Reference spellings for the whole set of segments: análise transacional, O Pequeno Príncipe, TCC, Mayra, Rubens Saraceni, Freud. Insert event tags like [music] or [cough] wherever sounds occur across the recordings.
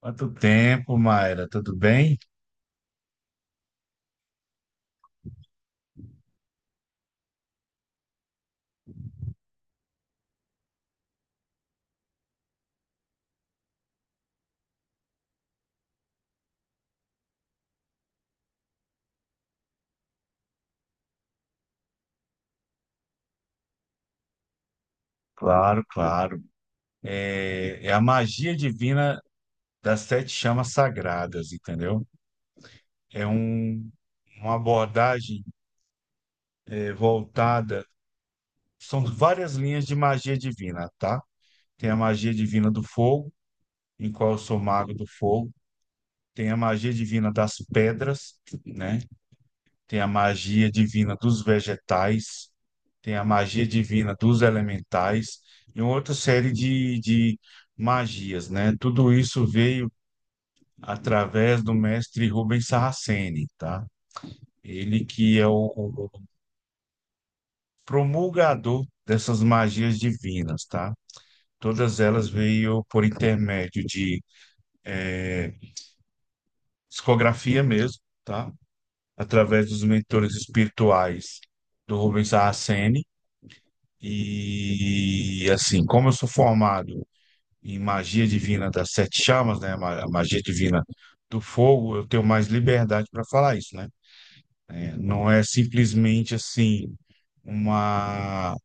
Quanto tempo, Mayra? Tudo bem? Claro, claro. É a magia divina das sete chamas sagradas, entendeu? É um, uma abordagem voltada. São várias linhas de magia divina, tá? Tem a magia divina do fogo, em qual eu sou mago do fogo. Tem a magia divina das pedras, né? Tem a magia divina dos vegetais. Tem a magia divina dos elementais e uma outra série de magias, né? Tudo isso veio através do mestre Rubens Saraceni, tá? Ele que é o promulgador dessas magias divinas, tá? Todas elas veio por intermédio de eh, psicografia mesmo, tá? Através dos mentores espirituais do Rubens Saraceni. E assim, como eu sou formado em magia divina das sete chamas, né? A magia divina do fogo, eu tenho mais liberdade para falar isso, né? É, não é simplesmente assim uma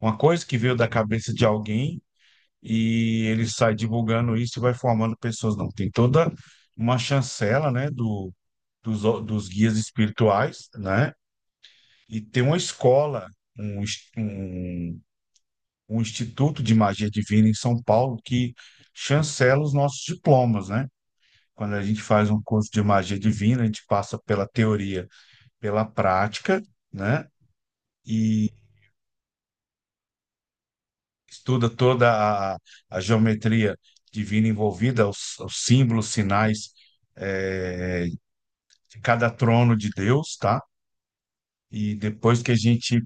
uma coisa que veio da cabeça de alguém e ele sai divulgando isso e vai formando pessoas, não. Tem toda uma chancela, né? Dos guias espirituais, né? E tem uma escola, um, ins- um, um instituto de magia divina em São Paulo que chancela os nossos diplomas, né? Quando a gente faz um curso de magia divina, a gente passa pela teoria, pela prática, né? E estuda a geometria divina envolvida, os símbolos, sinais, eh, de cada trono de Deus, tá? E depois que a gente.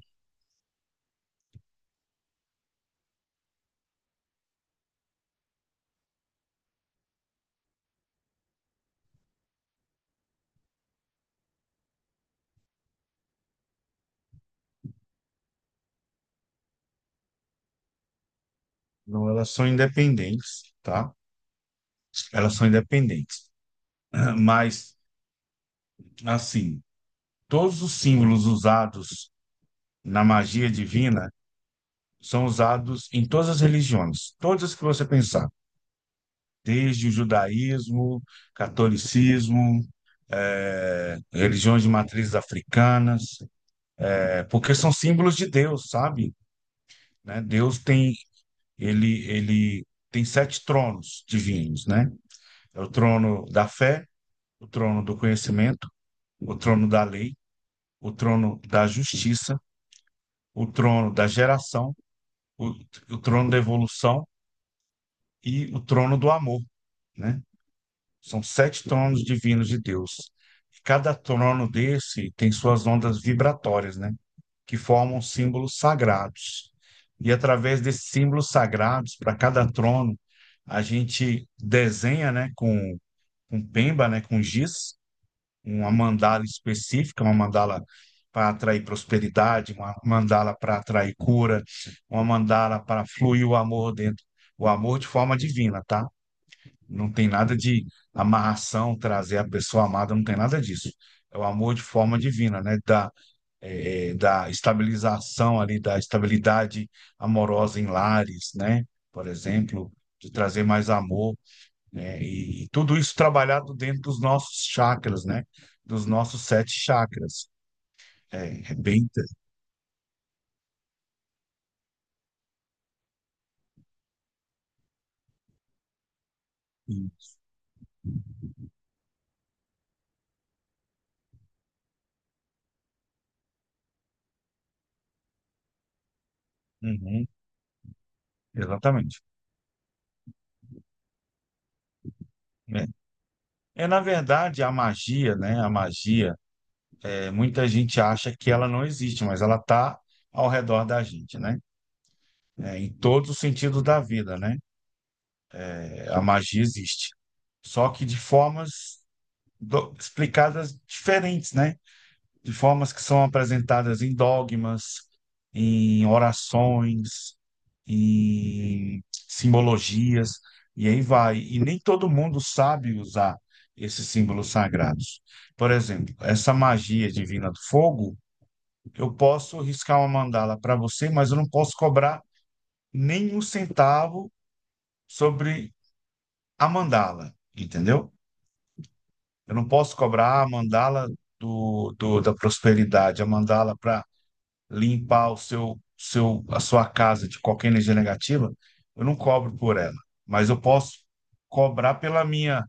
Não, elas são independentes, tá? Elas são independentes. [clears throat] Mas, assim, todos os símbolos usados na magia divina são usados em todas as religiões, todas que você pensar. Desde o judaísmo, catolicismo, religiões de matrizes africanas, porque são símbolos de Deus, sabe? Né? Deus tem ele tem sete tronos divinos, né? É o trono da fé, o trono do conhecimento, o trono da lei, o trono da justiça, o trono da geração, o, o trono da evolução e o trono do amor, né? São sete tronos divinos de Deus. Cada trono desse tem suas ondas vibratórias, né? Que formam símbolos sagrados. E através desses símbolos sagrados, para cada trono, a gente desenha, né? Com pemba, né? Com giz, uma mandala específica, uma mandala para atrair prosperidade, uma mandala para atrair cura, uma mandala para fluir o amor dentro, o amor de forma divina, tá? Não tem nada de amarração, trazer a pessoa amada, não tem nada disso. É o amor de forma divina, né? Da, da estabilização ali, da estabilidade amorosa em lares, né? Por exemplo, de trazer mais amor, né? E tudo isso trabalhado dentro dos nossos chakras, né? Dos nossos sete chakras. É, é bem. Uhum, exatamente. É. É, na verdade, a magia, né? A magia é, muita gente acha que ela não existe, mas ela está ao redor da gente, né? É, em todos os sentidos da vida, né? É, a magia existe, só que de formas explicadas diferentes, né? De formas que são apresentadas em dogmas, em orações, em simbologias, e aí vai. E nem todo mundo sabe usar esses símbolos sagrados. Por exemplo, essa magia divina do fogo, eu posso riscar uma mandala para você, mas eu não posso cobrar nenhum centavo sobre a mandala, entendeu? Eu não posso cobrar a mandala da prosperidade, a mandala para limpar o a sua casa de qualquer energia negativa. Eu não cobro por ela, mas eu posso cobrar pela minha,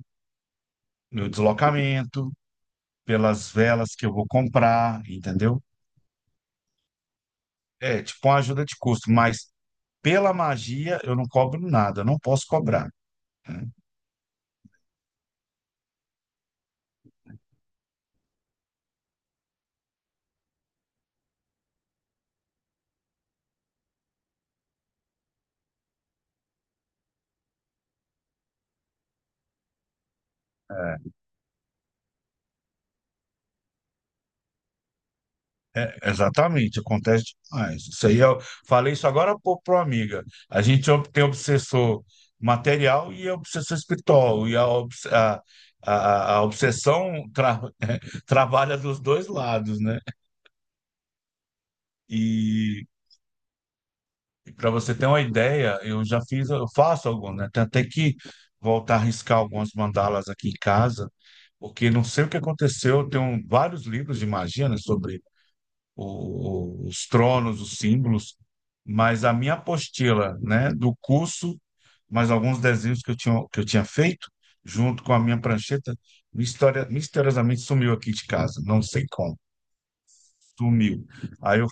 meu deslocamento, pelas velas que eu vou comprar, entendeu? É tipo uma ajuda de custo, mas pela magia eu não cobro nada, eu não posso cobrar. É, exatamente, acontece demais. Isso aí eu falei agora há pouco para uma amiga. A gente tem obsessor material e obsessor espiritual, a obsessão [laughs] trabalha dos dois lados, né? E para você ter uma ideia, eu já fiz, eu faço algumas, né? Tenho até que voltar a riscar algumas mandalas aqui em casa. Porque não sei o que aconteceu. Vários livros de magia, né, sobre os tronos, os símbolos, mas a minha apostila, né, do curso, mais alguns desenhos que eu tinha, junto com a minha prancheta, misteriosamente sumiu aqui de casa, não sei como. Sumiu. Aí eu,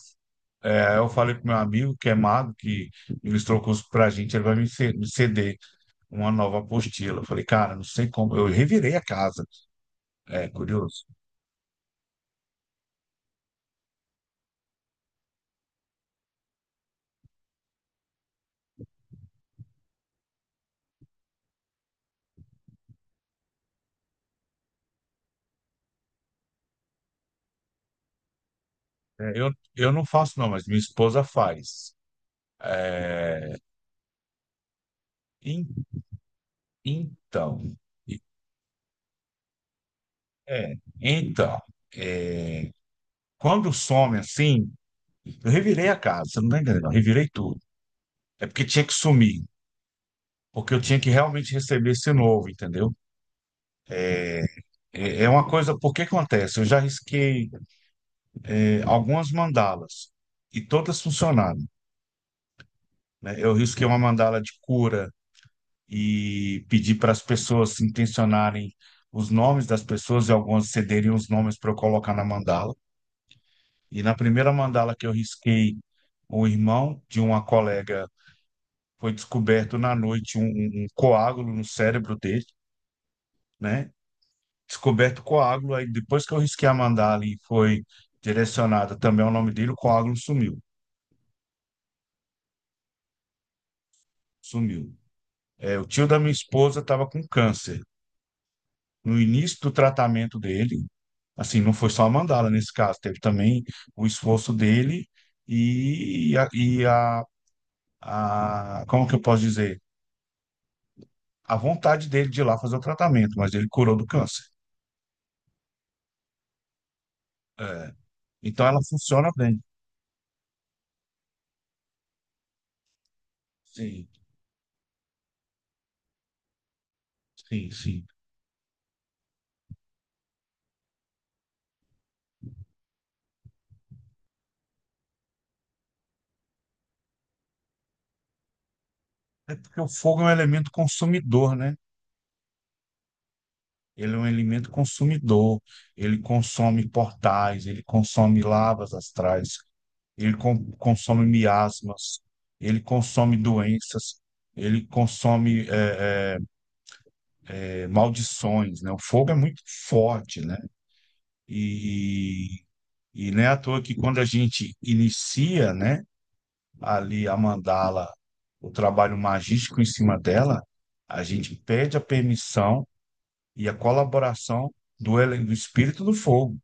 eu falei pro meu amigo, que é mago, que ilustrou o curso pra gente, ele vai me ceder uma nova apostila. Eu falei, cara, não sei como. Eu revirei a casa. É curioso. É, eu não faço, não, mas minha esposa faz. É, en- então, é, então, é, Quando some assim, eu revirei a casa, você não tá entendendo, eu revirei tudo. É porque tinha que sumir, porque eu tinha que realmente receber esse novo, entendeu? É, é uma coisa, porque acontece? Eu já risquei algumas mandalas e todas funcionaram, né? Eu risquei uma mandala de cura e pedir para as pessoas intencionarem os nomes das pessoas e algumas cederiam os nomes para eu colocar na mandala. E na primeira mandala que eu risquei, o irmão de uma colega foi descoberto na noite um coágulo no cérebro dele, né? Descoberto o coágulo, aí depois que eu risquei a mandala e foi direcionada também ao nome dele, o coágulo sumiu. Sumiu. É, o tio da minha esposa estava com câncer. No início do tratamento dele, assim, não foi só a mandala nesse caso, teve também o esforço dele e como que eu posso dizer? A vontade dele de ir lá fazer o tratamento, mas ele curou do câncer. É. Então ela funciona bem. Sim, sim, sim. É porque o fogo é um elemento consumidor, né? Ele é um elemento consumidor, ele consome portais, ele consome lavas astrais, ele consome miasmas, ele consome doenças, ele consome maldições, né? O fogo é muito forte, né? E, e não é à toa que quando a gente inicia, né, ali a mandala, o trabalho magístico em cima dela, a gente pede a permissão e a colaboração do espírito do fogo.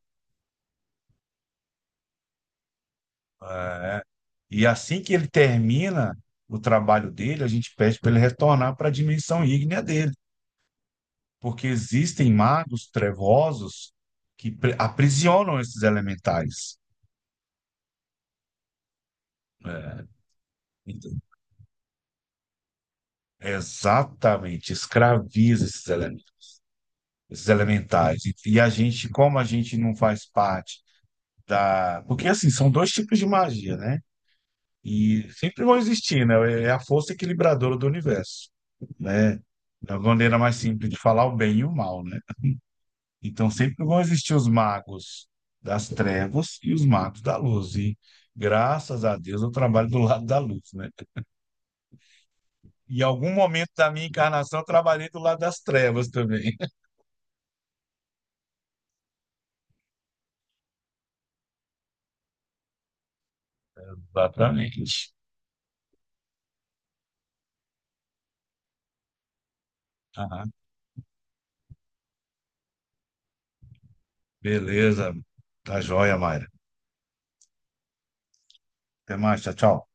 É. E assim que ele termina o trabalho dele, a gente pede para ele retornar para a dimensão ígnea dele. Porque existem magos trevosos que aprisionam esses elementais. Né? Então, é exatamente, escraviza esses elementais. E a gente, como a gente não faz parte da. Porque assim, são dois tipos de magia, né? E sempre vão existir, né? É é a força equilibradora do universo, né? É uma maneira mais simples de falar o bem e o mal, né? Então sempre vão existir os magos das trevas e os magos da luz. E graças a Deus eu trabalho do lado da luz, né? Em algum momento da minha encarnação eu trabalhei do lado das trevas também. [laughs] Exatamente. Aham. Beleza. Tá joia, Mayra. Até mais. Tchau, tchau.